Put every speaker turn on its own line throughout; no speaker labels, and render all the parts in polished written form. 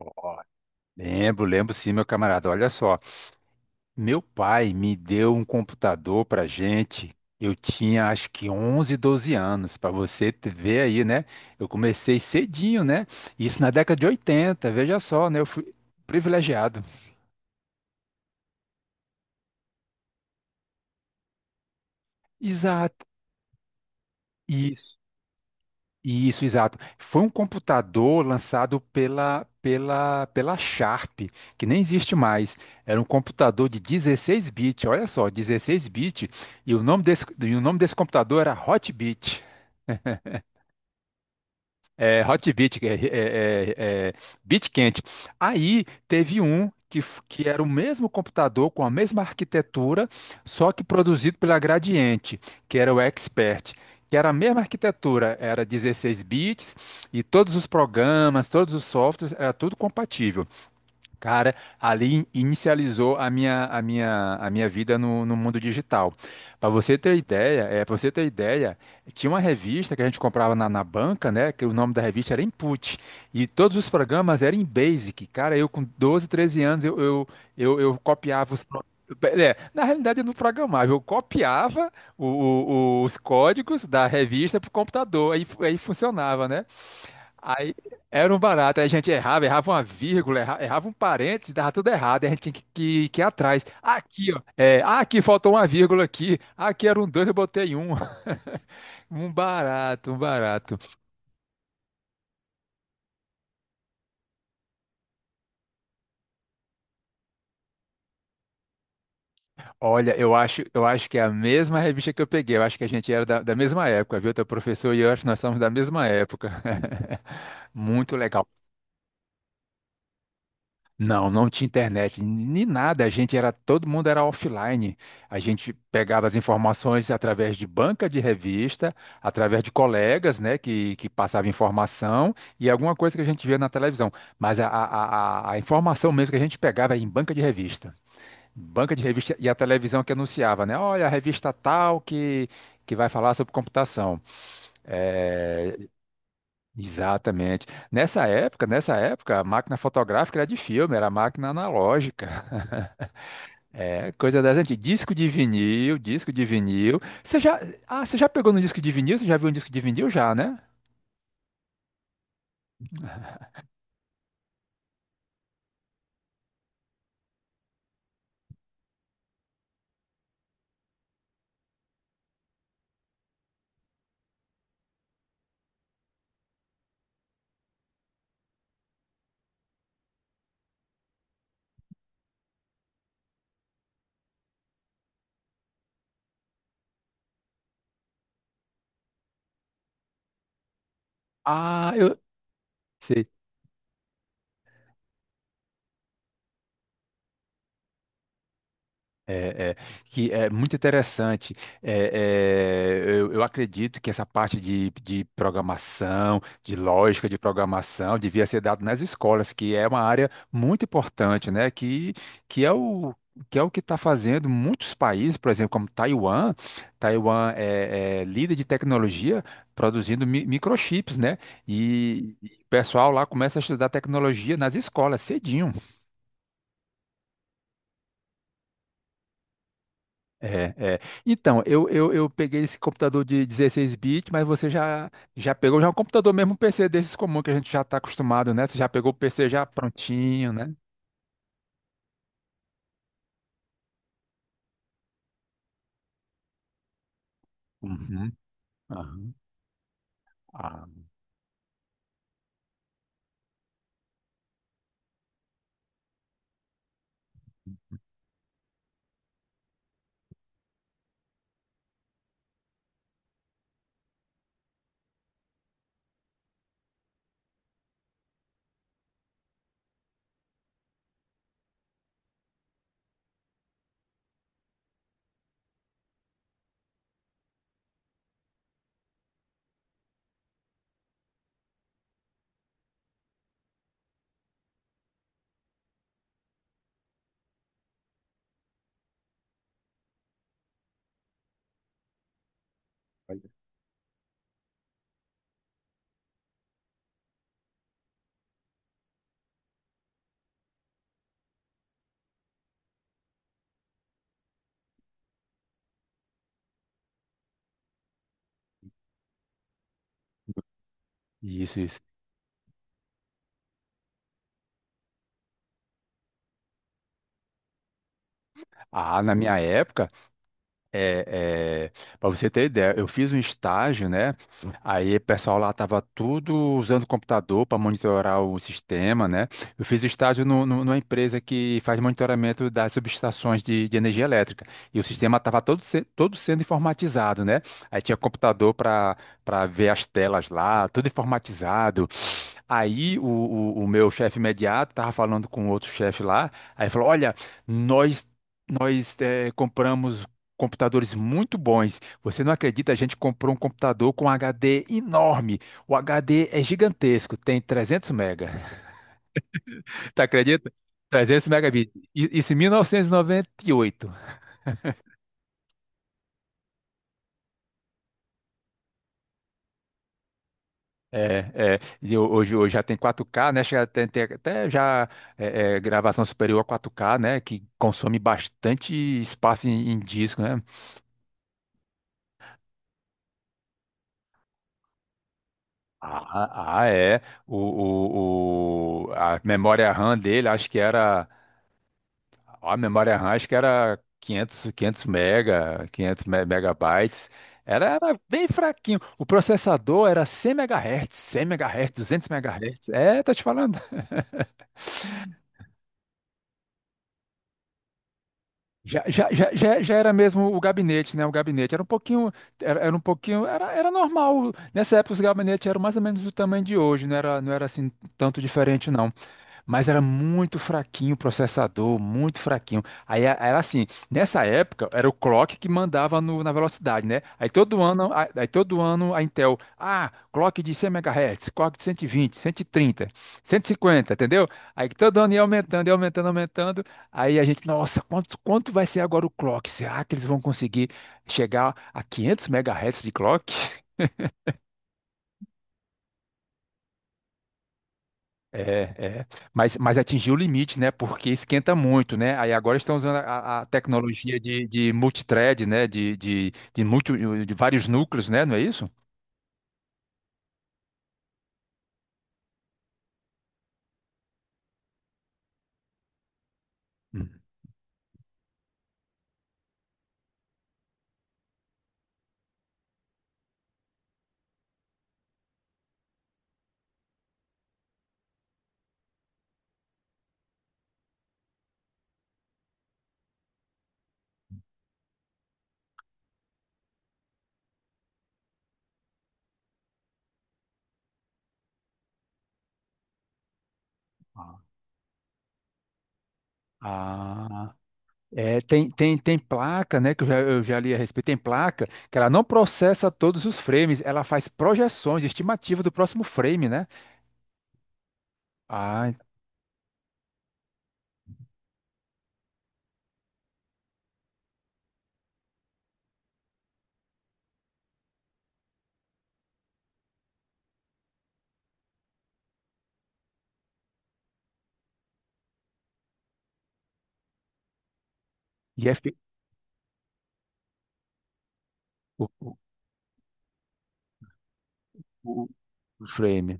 Ó, lembro, lembro sim, meu camarada. Olha só, meu pai me deu um computador pra gente. Eu tinha acho que 11, 12 anos, para você ver aí, né? Eu comecei cedinho, né? Isso na década de 80. Veja só, né? Eu fui privilegiado. Exato. Isso. Isso, exato. Foi um computador lançado pela Sharp, que nem existe mais. Era um computador de 16 bits, olha só, 16 bits, e o nome desse computador era Hotbit. É, hot beat, é, é, beat quente. Aí teve um que era o mesmo computador com a mesma arquitetura, só que produzido pela Gradiente, que era o Expert, que era a mesma arquitetura, era 16 bits e todos os programas, todos os softwares, era tudo compatível. Cara, ali inicializou a minha vida no mundo digital. Para você ter ideia, tinha uma revista que a gente comprava na banca, né? Que o nome da revista era Input. E todos os programas eram em Basic. Cara, eu com 12, 13 anos, eu copiava os. É, na realidade, eu não programava, eu copiava os códigos da revista para o computador, aí funcionava, né? Aí era um barato, aí a gente errava uma vírgula, errava, um parêntese, dava tudo errado, aí a gente tinha que ir atrás. Aqui, ó, ah, aqui faltou uma vírgula aqui. Ah, aqui era um dois, eu botei um. Um barato, um barato. Olha, eu acho que é a mesma revista que eu peguei, eu acho que a gente era da mesma época, viu, teu professor e eu acho que nós estamos da mesma época. Muito legal. Não, não tinha internet, nem nada. A gente era, todo mundo era offline. A gente pegava as informações através de banca de revista, através de colegas, né, que passavam informação e alguma coisa que a gente via na televisão. Mas a informação mesmo que a gente pegava era em banca de revista. Banca de revista e a televisão que anunciava, né? Olha, a revista tal que vai falar sobre computação. Eh, Exatamente. Nessa época, a máquina fotográfica era de filme, era máquina analógica. É, coisa das antigas. Disco de vinil, disco de vinil. Você já pegou no disco de vinil? Você já viu um disco de vinil já, né? Ah, eu sei. É, é. Que é muito interessante. É, é. Eu acredito que essa parte de programação, de lógica de programação, devia ser dado nas escolas, que é uma área muito importante, né? Que é o que é o que está fazendo muitos países, por exemplo, como Taiwan. Taiwan é líder de tecnologia, produzindo microchips, né? E o pessoal lá começa a estudar tecnologia nas escolas cedinho. É, é. Então, eu peguei esse computador de 16 bits, mas você já pegou já é um computador mesmo, um PC desses comum que a gente já está acostumado, né? Você já pegou o PC já prontinho, né? Uhum, aham, ah, olha. Isso, isso. Ah, na minha época, É, para você ter ideia, eu fiz um estágio, né? Aí o pessoal lá tava tudo usando computador para monitorar o sistema, né? Eu fiz estágio numa empresa que faz monitoramento das subestações de energia elétrica. E o sistema tava todo, se- todo sendo informatizado, né? Aí tinha computador para ver as telas lá, tudo informatizado. Aí o meu chefe imediato tava falando com outro chefe lá, aí falou: Olha, nós nós compramos computadores muito bons. Você não acredita, a gente comprou um computador com HD enorme. O HD é gigantesco, tem 300 mega. Tá acredita? 300 megabits. Isso em 1998. É, é. E hoje já tem 4K, né? Chega, tem até já gravação superior a 4K, né? Que consome bastante espaço em disco, né? Ah, ah, é. A memória RAM dele, acho que era. A memória RAM, acho que era 500 mega, 500 megabytes. Era bem fraquinho. O processador era 100 megahertz, 100 megahertz, 200 megahertz. É, tô te falando. Já era mesmo o gabinete, né? O gabinete era um pouquinho, era um pouquinho, era normal. Nessa época os gabinetes eram mais ou menos do tamanho de hoje, não era assim tanto diferente, não. Mas era muito fraquinho o processador, muito fraquinho. Aí era assim, nessa época era o clock que mandava na velocidade, né? Aí todo ano a Intel, clock de 100 MHz, clock de 120, 130, 150, entendeu? Aí todo ano ia aumentando, aumentando. Aí a gente, nossa, quanto vai ser agora o clock? Será que eles vão conseguir chegar a 500 MHz de clock? É, é. Mas atingiu o limite, né? Porque esquenta muito, né? Aí agora estão usando a tecnologia de multithread, né? De vários núcleos, né? Não é isso? Hum. Ah, é, tem placa, né? Que eu já li a respeito. Tem placa que ela não processa todos os frames, ela faz projeções, estimativa do próximo frame, né? Ah, e é fe- o, o, o frame.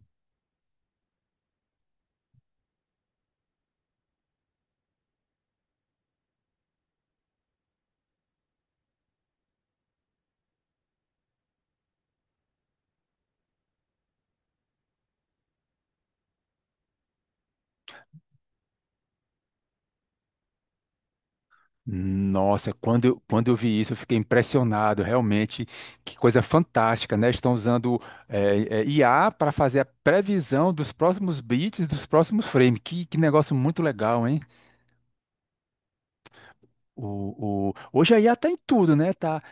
Nossa, quando eu vi isso, eu fiquei impressionado, realmente, que coisa fantástica, né? Estão usando IA para fazer a previsão dos próximos bits dos próximos frames. Que negócio muito legal, hein? Hoje a IA tá em tudo, né? Tá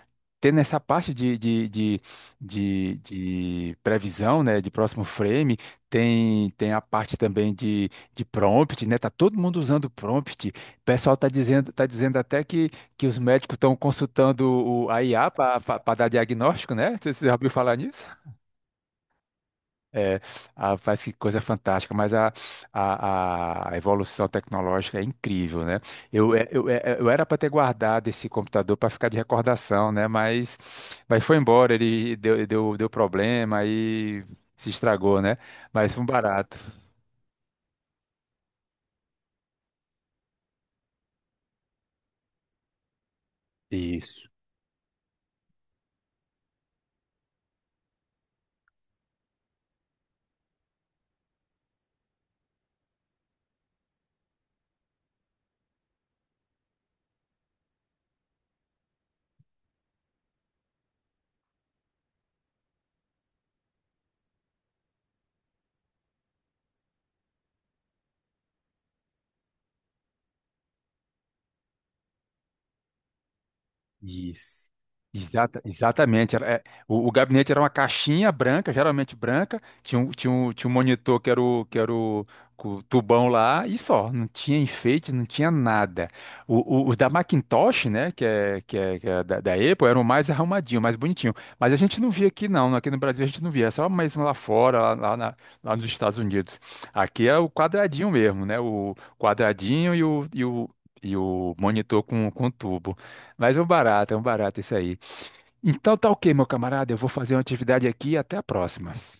tendo essa parte de previsão, né? De próximo frame, tem a parte também de prompt, né? Tá todo mundo usando prompt. O pessoal tá dizendo até que os médicos estão consultando a IA para dar diagnóstico, né? Você já ouviu falar nisso? É, a parece que coisa fantástica, mas a evolução tecnológica é incrível, né? Eu era para ter guardado esse computador para ficar de recordação, né? Mas foi embora, ele deu problema aí se estragou, né? Mas foi um barato. Isso. Isso. Exatamente. O gabinete era uma caixinha branca, geralmente branca, tinha um, tinha um monitor com o tubão lá, e só, não tinha enfeite, não tinha nada. O, os da Macintosh, né, que é da Apple, eram mais arrumadinho, mais bonitinho. Mas a gente não via aqui, não. Aqui no Brasil a gente não via, é só mesmo lá fora, lá nos Estados Unidos. Aqui é o quadradinho mesmo, né? O quadradinho e o monitor com tubo. Mas é um barato isso aí. Então tá ok, meu camarada. Eu vou fazer uma atividade aqui e até a próxima.